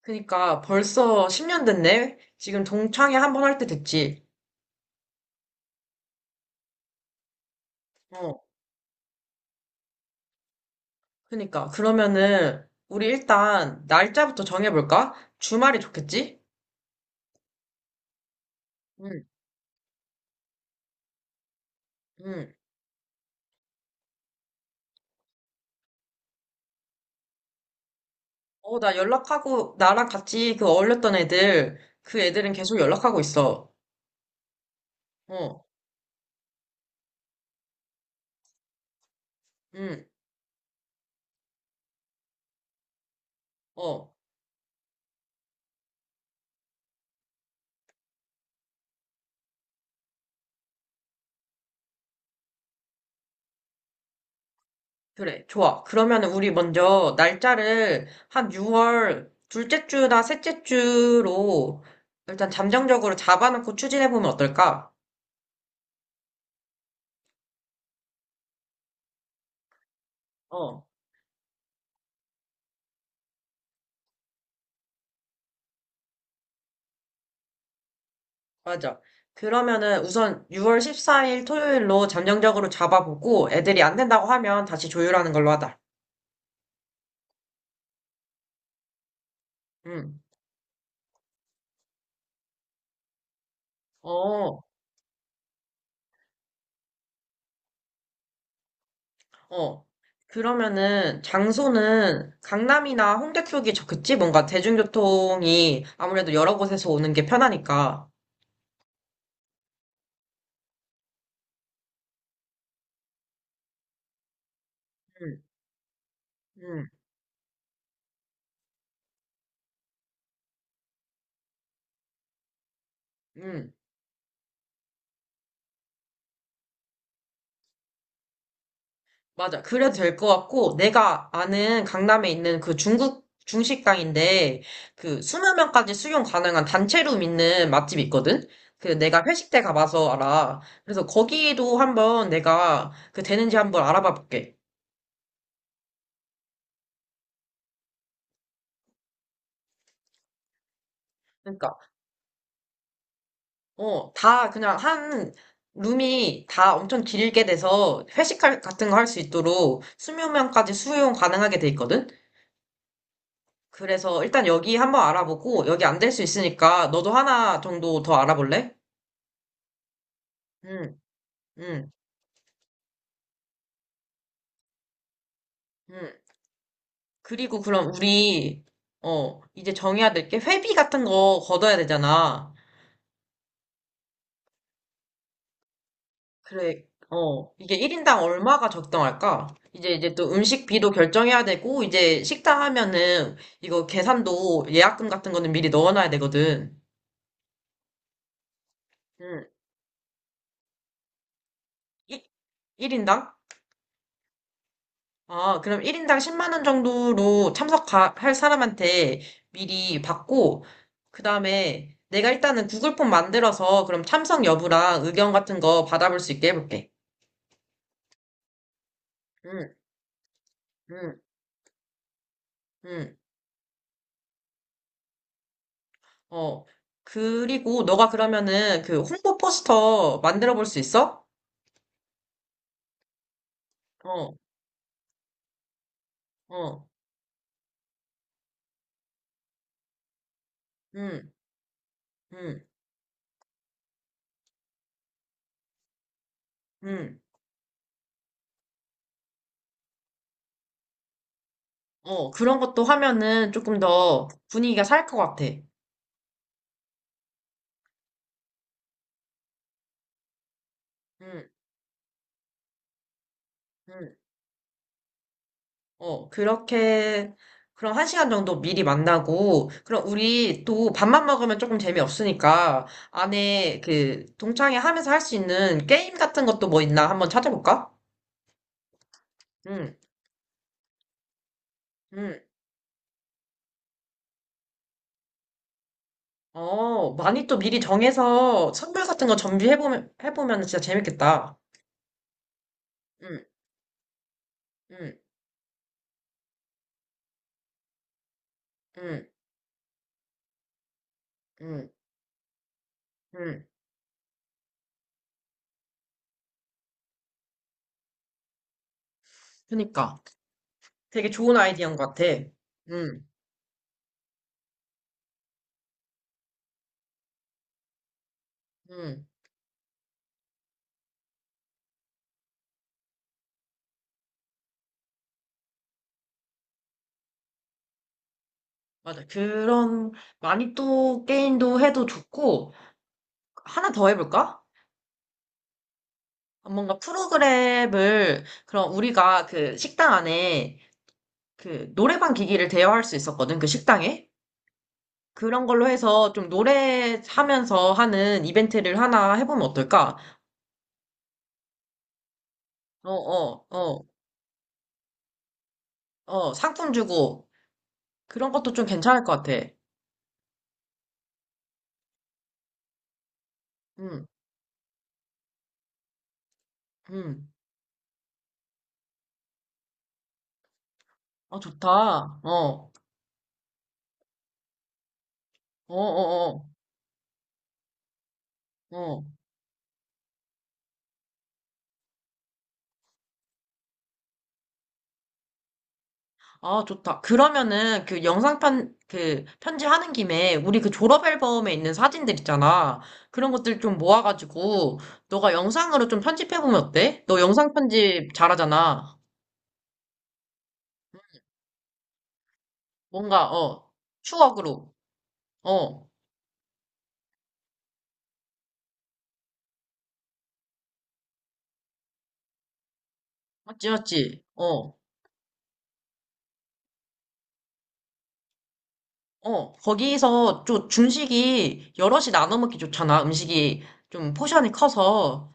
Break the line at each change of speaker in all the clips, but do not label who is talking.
그니까 벌써 10년 됐네? 지금 동창회 한번 할 때 됐지. 어, 그니까. 그러면은 우리 일단 날짜부터 정해볼까? 주말이 좋겠지? 응, 응. 어, 나 연락하고 나랑 같이 그 어울렸던 애들, 그 애들은 계속 연락하고 있어. 어, 응, 어. 그래, 좋아. 그러면은 우리 먼저 날짜를 한 6월 둘째 주나 셋째 주로 일단 잠정적으로 잡아놓고 추진해보면 어떨까? 어. 맞아. 그러면은 우선 6월 14일 토요일로 잠정적으로 잡아보고 애들이 안 된다고 하면 다시 조율하는 걸로 하자. 응. 어, 어. 그러면은 장소는 강남이나 홍대 쪽이 좋겠지? 뭔가 대중교통이 아무래도 여러 곳에서 오는 게 편하니까. 응, 응, 응. 맞아. 그래도 될 것 같고, 내가 아는 강남에 있는 그 중국 중식당인데, 그 20명까지 수용 가능한 단체룸 있는 맛집이 있거든? 그 내가 회식 때 가봐서 알아. 그래서 거기도 한번 내가 그 되는지 한번 알아봐 볼게. 그러니까, 어, 다 그냥 한 룸이 다 엄청 길게 돼서 회식 같은 거 할 수 있도록 20명까지 수용 가능하게 돼 있거든? 그래서 일단 여기 한번 알아보고, 여기 안 될 수 있으니까 너도 하나 정도 더 알아볼래? 응, 응, 응. 그리고 그럼 우리, 어, 이제 정해야 될 게 회비 같은 거 걷어야 되잖아. 그래, 어, 이게 1인당 얼마가 적당할까? 이제 또 음식비도 결정해야 되고, 이제 식당 하면은 이거 계산도 예약금 같은 거는 미리 넣어놔야 되거든. 응, 일 1인당? 아, 그럼 1인당 10만 원 정도로 참석할 사람한테 미리 받고, 그 다음에 내가 일단은 구글 폼 만들어서 그럼 참석 여부랑 의견 같은 거 받아볼 수 있게 해볼게. 응, 응, 응. 어. 그리고 너가 그러면은 그 홍보 포스터 만들어 볼 수 있어? 어, 어, 응, 응, 응. 어, 그런 것도 하면은 조금 더 분위기가 살 것 같아. 응, 응. 어, 그렇게, 그럼 한 시간 정도 미리 만나고, 그럼 우리 또 밥만 먹으면 조금 재미없으니까, 안에 그, 동창회 하면서 할 수 있는 게임 같은 것도 뭐 있나 한번 찾아볼까? 응, 응. 어, 많이 또 미리 정해서 선물 같은 거 준비해보면, 해보면 진짜 재밌겠다. 응, 응, 응, 응, 응. 그니까. 되게 좋은 아이디어인 것 같아. 응, 응. 맞아. 그런, 많이 또 게임도 해도 좋고, 하나 더 해볼까? 뭔가 프로그램을, 그럼 우리가 그 식당 안에 그 노래방 기기를 대여할 수 있었거든, 그 식당에? 그런 걸로 해서 좀 노래하면서 하는 이벤트를 하나 해보면 어떨까? 어, 어, 어, 어, 상품 주고, 그런 것도 좀 괜찮을 것 같아. 음, 음, 아 좋다. 어, 어, 어, 어, 어. 아, 좋다. 그러면은 그 편집하는 김에 우리 그 졸업 앨범에 있는 사진들 있잖아. 그런 것들 좀 모아가지고 너가 영상으로 좀 편집해보면 어때? 너 영상 편집 잘하잖아. 뭔가, 어, 추억으로. 어, 맞지, 맞지? 어, 어. 거기서 좀 중식이 여럿이 나눠 먹기 좋잖아. 음식이 좀 포션이 커서.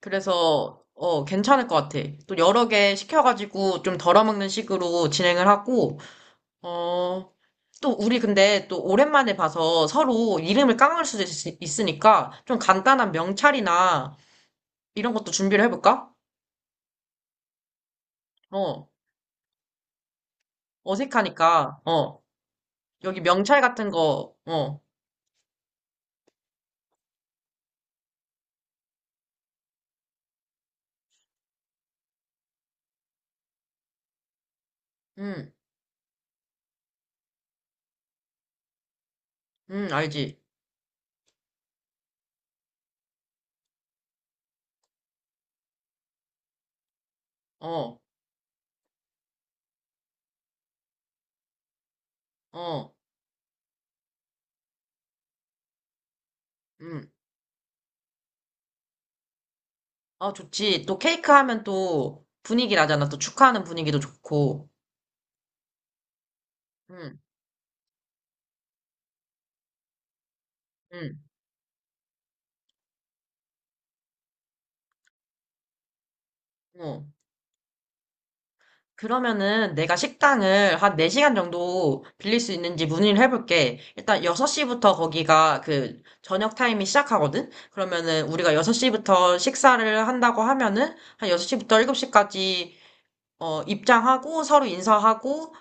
그래서 어, 괜찮을 것 같아. 또 여러 개 시켜가지고 좀 덜어먹는 식으로 진행을 하고, 어, 또 우리 근데 또 오랜만에 봐서 서로 이름을 깡을 수도 있, 으니까좀 간단한 명찰이나 이런 것도 준비를 해볼까? 어, 어색하니까, 어, 여기 명찰 같은 거, 어, 음, 알지? 어, 어, 음, 아, 좋지. 또 케이크 하면 또 분위기 나잖아. 또 축하하는 분위기도 좋고, 음, 음, 어. 그러면은 내가 식당을 한 4시간 정도 빌릴 수 있는지 문의를 해볼게. 일단 6시부터 거기가 그 저녁 타임이 시작하거든? 그러면은 우리가 6시부터 식사를 한다고 하면은 한 6시부터 7시까지 어, 입장하고 서로 인사하고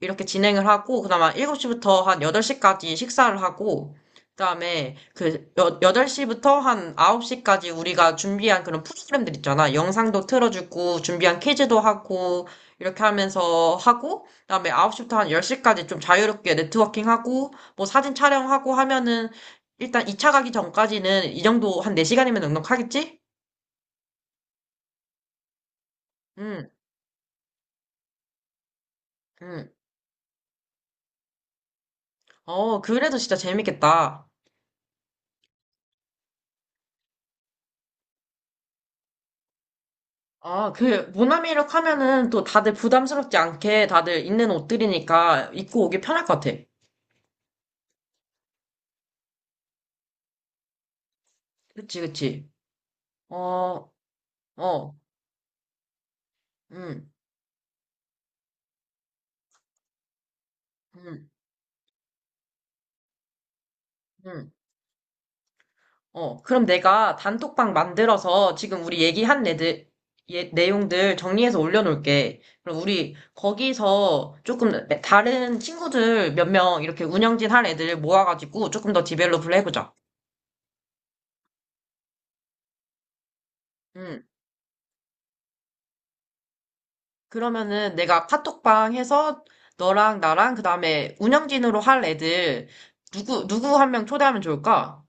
이렇게 진행을 하고 그나마 7시부터 한 8시까지 식사를 하고 그다음에 8시부터 한 9시까지 우리가 준비한 그런 프로그램들 있잖아. 영상도 틀어주고 준비한 퀴즈도 하고 이렇게 하면서 하고 그다음에 9시부터 한 10시까지 좀 자유롭게 네트워킹하고 뭐 사진 촬영하고 하면은 일단 2차 가기 전까지는 이 정도 한 4시간이면 넉넉하겠지? 응, 응. 어, 그래도 진짜 재밌겠다. 아, 그, 모나미룩 하면은 또 다들 부담스럽지 않게 다들 있는 옷들이니까 입고 오기 편할 것 같아. 그치, 그치. 어, 어, 음, 음, 음. 어, 그럼 내가 단톡방 만들어서 지금 우리 얘기한 애들, 예, 내용들 정리해서 올려놓을게. 그럼 우리 거기서 조금 다른 친구들 몇 명 이렇게 운영진 할 애들 모아가지고 조금 더 디벨롭을 해보자. 음. 그러면은 내가 카톡방 해서 너랑 나랑 그다음에 운영진으로 할 애들 누구 누구 한 명 초대하면 좋을까?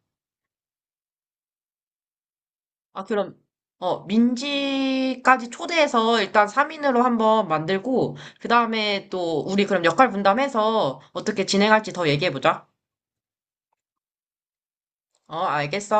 아 그럼 어 민지까지 초대해서 일단 3인으로 한번 만들고 그다음에 또 우리 그럼 역할 분담해서 어떻게 진행할지 더 얘기해 보자. 어 알겠어.